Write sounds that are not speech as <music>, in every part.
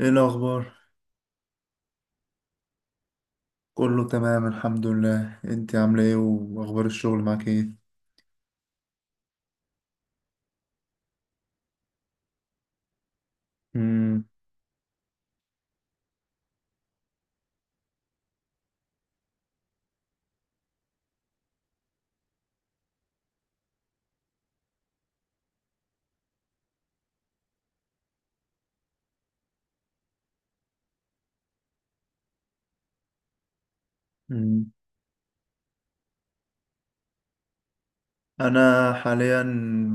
ايه الاخبار؟ كله تمام الحمد لله، انت عامله ايه واخبار الشغل معاك ايه؟ مم. مم. انا حاليا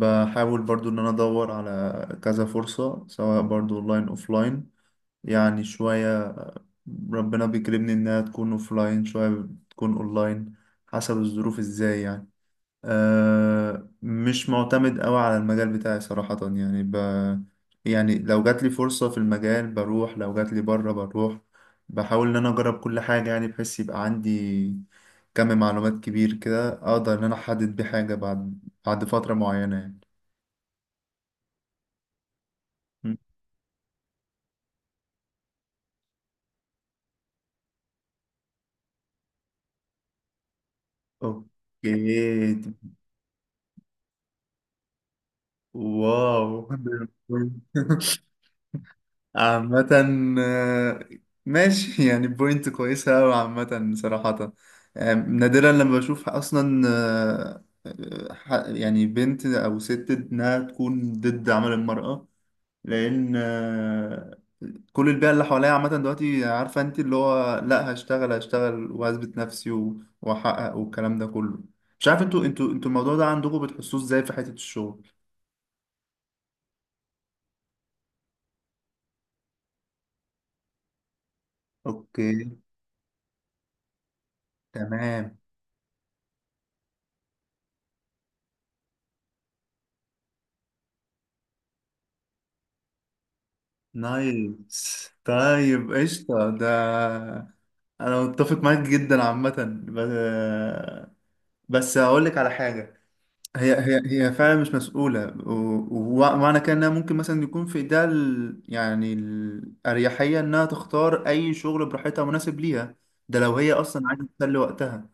بحاول برضو ان انا ادور على كذا فرصه سواء برضو اونلاين اوفلاين. يعني شويه ربنا بيكرمني انها تكون اوفلاين شويه تكون اونلاين، حسب الظروف ازاي يعني. مش معتمد قوي على المجال بتاعي صراحة، يعني لو جات لي فرصة في المجال بروح، لو جات لي بره بروح. بحاول ان انا اجرب كل حاجة، يعني بحيث يبقى عندي كم معلومات كبير كده اقدر ان انا احدد بحاجة بعد فترة معينة يعني. م. اوكي. واو. <laughs> عامة، آه، ماشي <laughs> يعني، بوينت كويسة أوي عامة صراحة. نادرا لما بشوف أصلا، يعني بنت أو ست إنها تكون ضد عمل المرأة. لأن كل البيئة اللي حواليا عامة دلوقتي عارفة، أنت اللي هو لأ هشتغل هشتغل وأثبت نفسي و- وأحقق والكلام ده كله. مش عارف، انتوا الموضوع ده عندكم بتحسوه ازاي في حتة الشغل؟ اوكي. تمام. نايس طيب قشطة ده. أنا متفق معاك جدا عامة، بس هقول لك على حاجة. هي هي هي فعلا مش مسؤولة، ومعنى كده إنها ممكن مثلا يكون في إيدها يعني الأريحية إنها تختار أي شغل براحتها مناسب ليها. ده لو هي أصلا عايزة تسلي وقتها.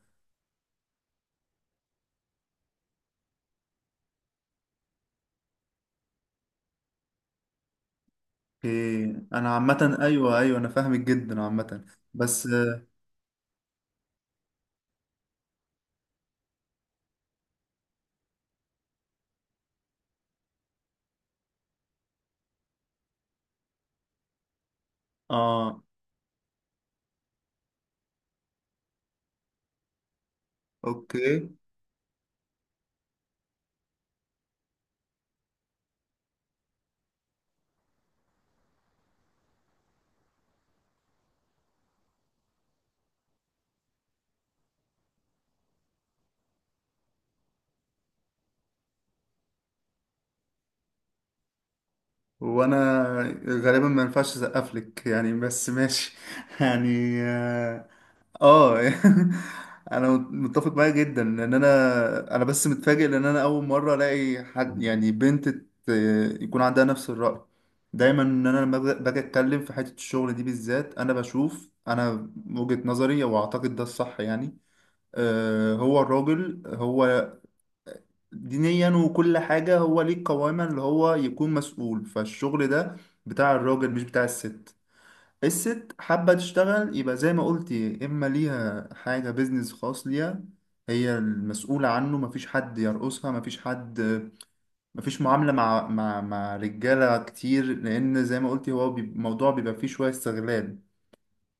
إيه. أنا عامة أيوه أيوه، أنا فاهمك جدا عامة، بس آه أوكي. وانا غالبا ما ينفعش اسقف لك يعني، بس ماشي <laughs> يعني. اه. آه. <laughs> انا متفق معاك جدا، لان انا بس متفاجئ، لان انا اول مره الاقي حد، يعني بنت يكون عندها نفس الرأي. دايما ان انا لما باجي اتكلم في حته الشغل دي بالذات، انا بشوف انا وجهة نظري، واعتقد ده الصح يعني. هو الراجل، هو دينيا وكل حاجة هو ليه قواما، اللي هو يكون مسؤول. فالشغل ده بتاع الراجل مش بتاع الست. الست حابة تشتغل يبقى زي ما قلتي إما ليها حاجة بيزنس خاص ليها هي المسؤولة عنه، مفيش حد يرقصها، مفيش حد، مفيش معاملة مع مع رجالة كتير، لأن زي ما قلتي، هو الموضوع بيبقى فيه شوية استغلال.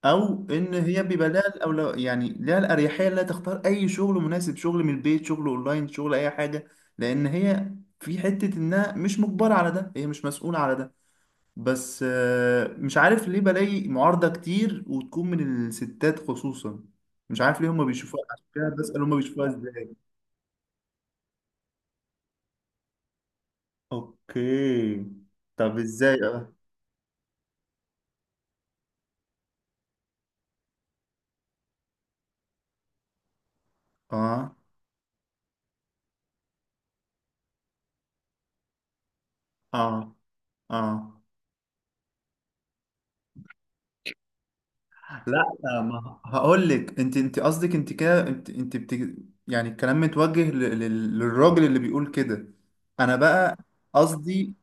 او ان هي بيبقى لها الاولو، يعني لها الاريحيه انها تختار اي شغل مناسب، شغل من البيت، شغل اونلاين، شغل اي حاجه، لان هي في حته انها مش مجبره على ده، هي مش مسؤوله على ده. بس مش عارف ليه بلاقي معارضه كتير وتكون من الستات خصوصا. مش عارف ليه هما بيشوفوها، عشان كده بسأل، هما بيشوفوها ازاي؟ اوكي. طب ازاي؟ اه. اه اه اه. لا. ما هقول لك انت، قصدك انت كده، انت يعني الكلام متوجه للراجل اللي بيقول كده. انا بقى قصدي.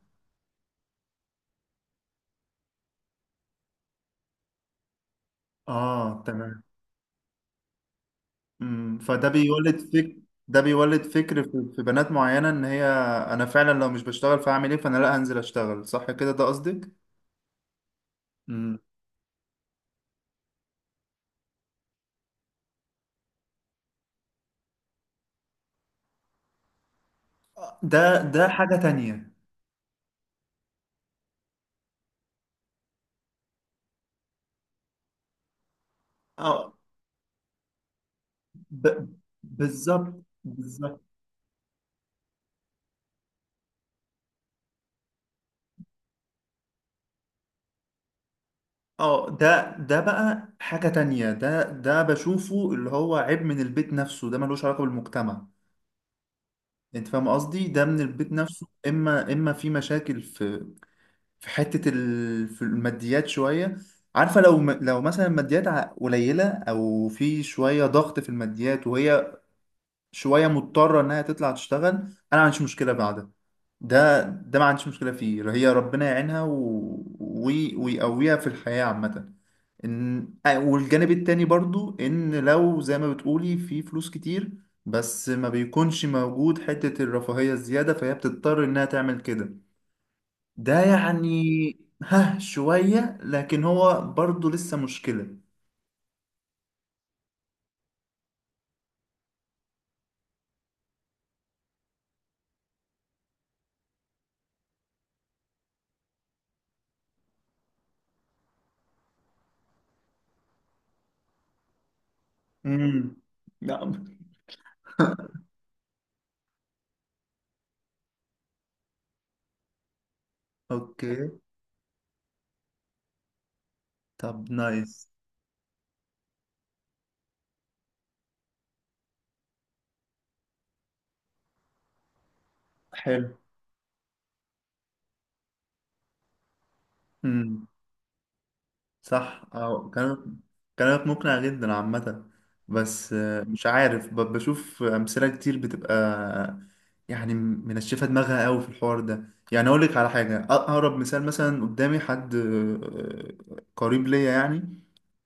اه تمام. فده بيولد فكر. ده بيولد فكر في بنات معينة ان هي، انا فعلا لو مش بشتغل فاعمل ايه، فانا لا هنزل اشتغل صح كده ده قصدك. امم. ده حاجة تانية. اه. ب... بالظبط بالظبط. اه. ده بقى حاجة تانية. ده بشوفه اللي هو عيب من البيت نفسه، ده ملوش علاقة بالمجتمع. انت فاهم قصدي؟ ده من البيت نفسه، اما في مشاكل في، في حتة في الماديات شوية. عارفة لو لو مثلا الماديات قليلة او في شوية ضغط في الماديات، وهي شويه مضطره انها تطلع تشتغل، انا ما عنديش مشكله بعدها. ده ما عنديش مشكله فيه، هي ربنا يعينها ويقويها في الحياه عامه. ان والجانب التاني برضو، ان لو زي ما بتقولي في فلوس كتير، بس ما بيكونش موجود حته الرفاهيه الزياده، فهي بتضطر انها تعمل كده ده يعني. ها شويه، لكن هو برضو لسه مشكله. امم نعم. اوكي. طب نايس. حلو. مم. صح أو كلامك. كلامك مقنع جدا عامة. بس مش عارف، بشوف أمثلة كتير بتبقى يعني منشفة دماغها قوي في الحوار ده. يعني أقول لك على حاجة، أقرب مثال مثلا قدامي حد، قريب ليا يعني.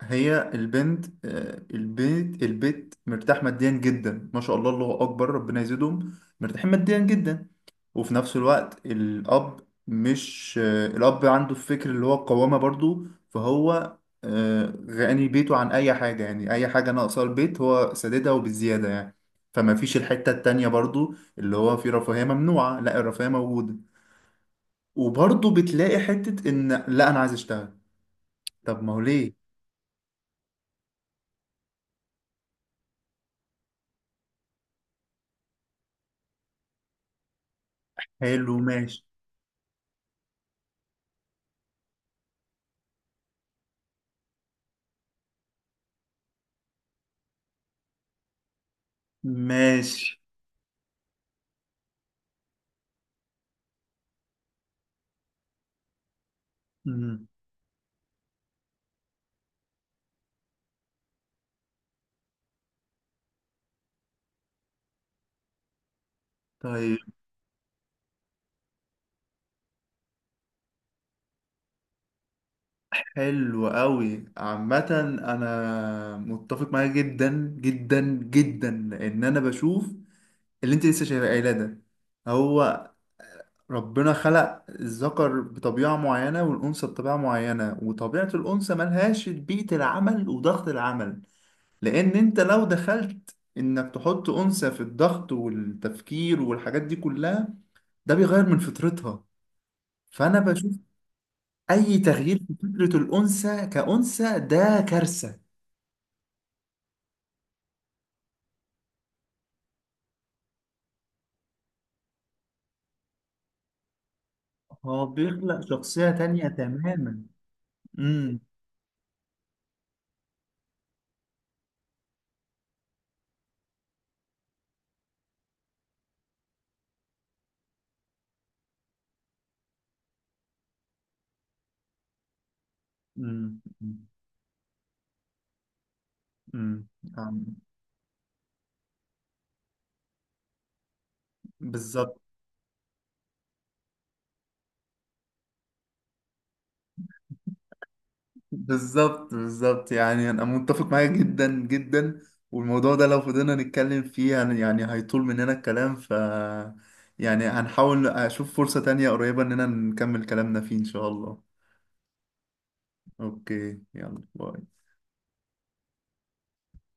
هي البنت، البيت مرتاح ماديا جدا، ما شاء الله الله أكبر ربنا يزيدهم، مرتاحين ماديا جدا. وفي نفس الوقت الأب، مش آه، الأب عنده الفكر اللي هو القوامة برضو، فهو غني بيته عن أي حاجة. يعني أي حاجة ناقصة البيت هو ساددها وبالزيادة يعني. فما فيش الحتة التانية برضو اللي هو في رفاهية ممنوعة، لا الرفاهية موجودة، وبرضو بتلاقي حتة إن لا أنا عايز أشتغل. طب ما هو ليه؟ حلو. ماشي. ماشي. مم. طيب. حلو قوي عامة. انا متفق معاك جدا جدا جدا، ان انا بشوف اللي انت لسه شايفه قايله ده. هو ربنا خلق الذكر بطبيعة معينة والأنثى بطبيعة معينة، وطبيعة الأنثى ملهاش بيئة العمل وضغط العمل. لأن أنت لو دخلت إنك تحط أنثى في الضغط والتفكير والحاجات دي كلها، ده بيغير من فطرتها. فأنا بشوف أي تغيير في فطرة الأنثى كأنثى ده كارثة. هو بيخلق شخصية تانية تماما. امم امم امم أم، بالظبط بالظبط بالظبط، يعني انا متفق معاك جدا جدا. والموضوع ده لو فضلنا نتكلم فيه، يعني هيطول مننا الكلام، ف يعني هنحاول اشوف فرصة تانية قريبة اننا نكمل كلامنا فيه ان شاء الله. اوكي يلا باي.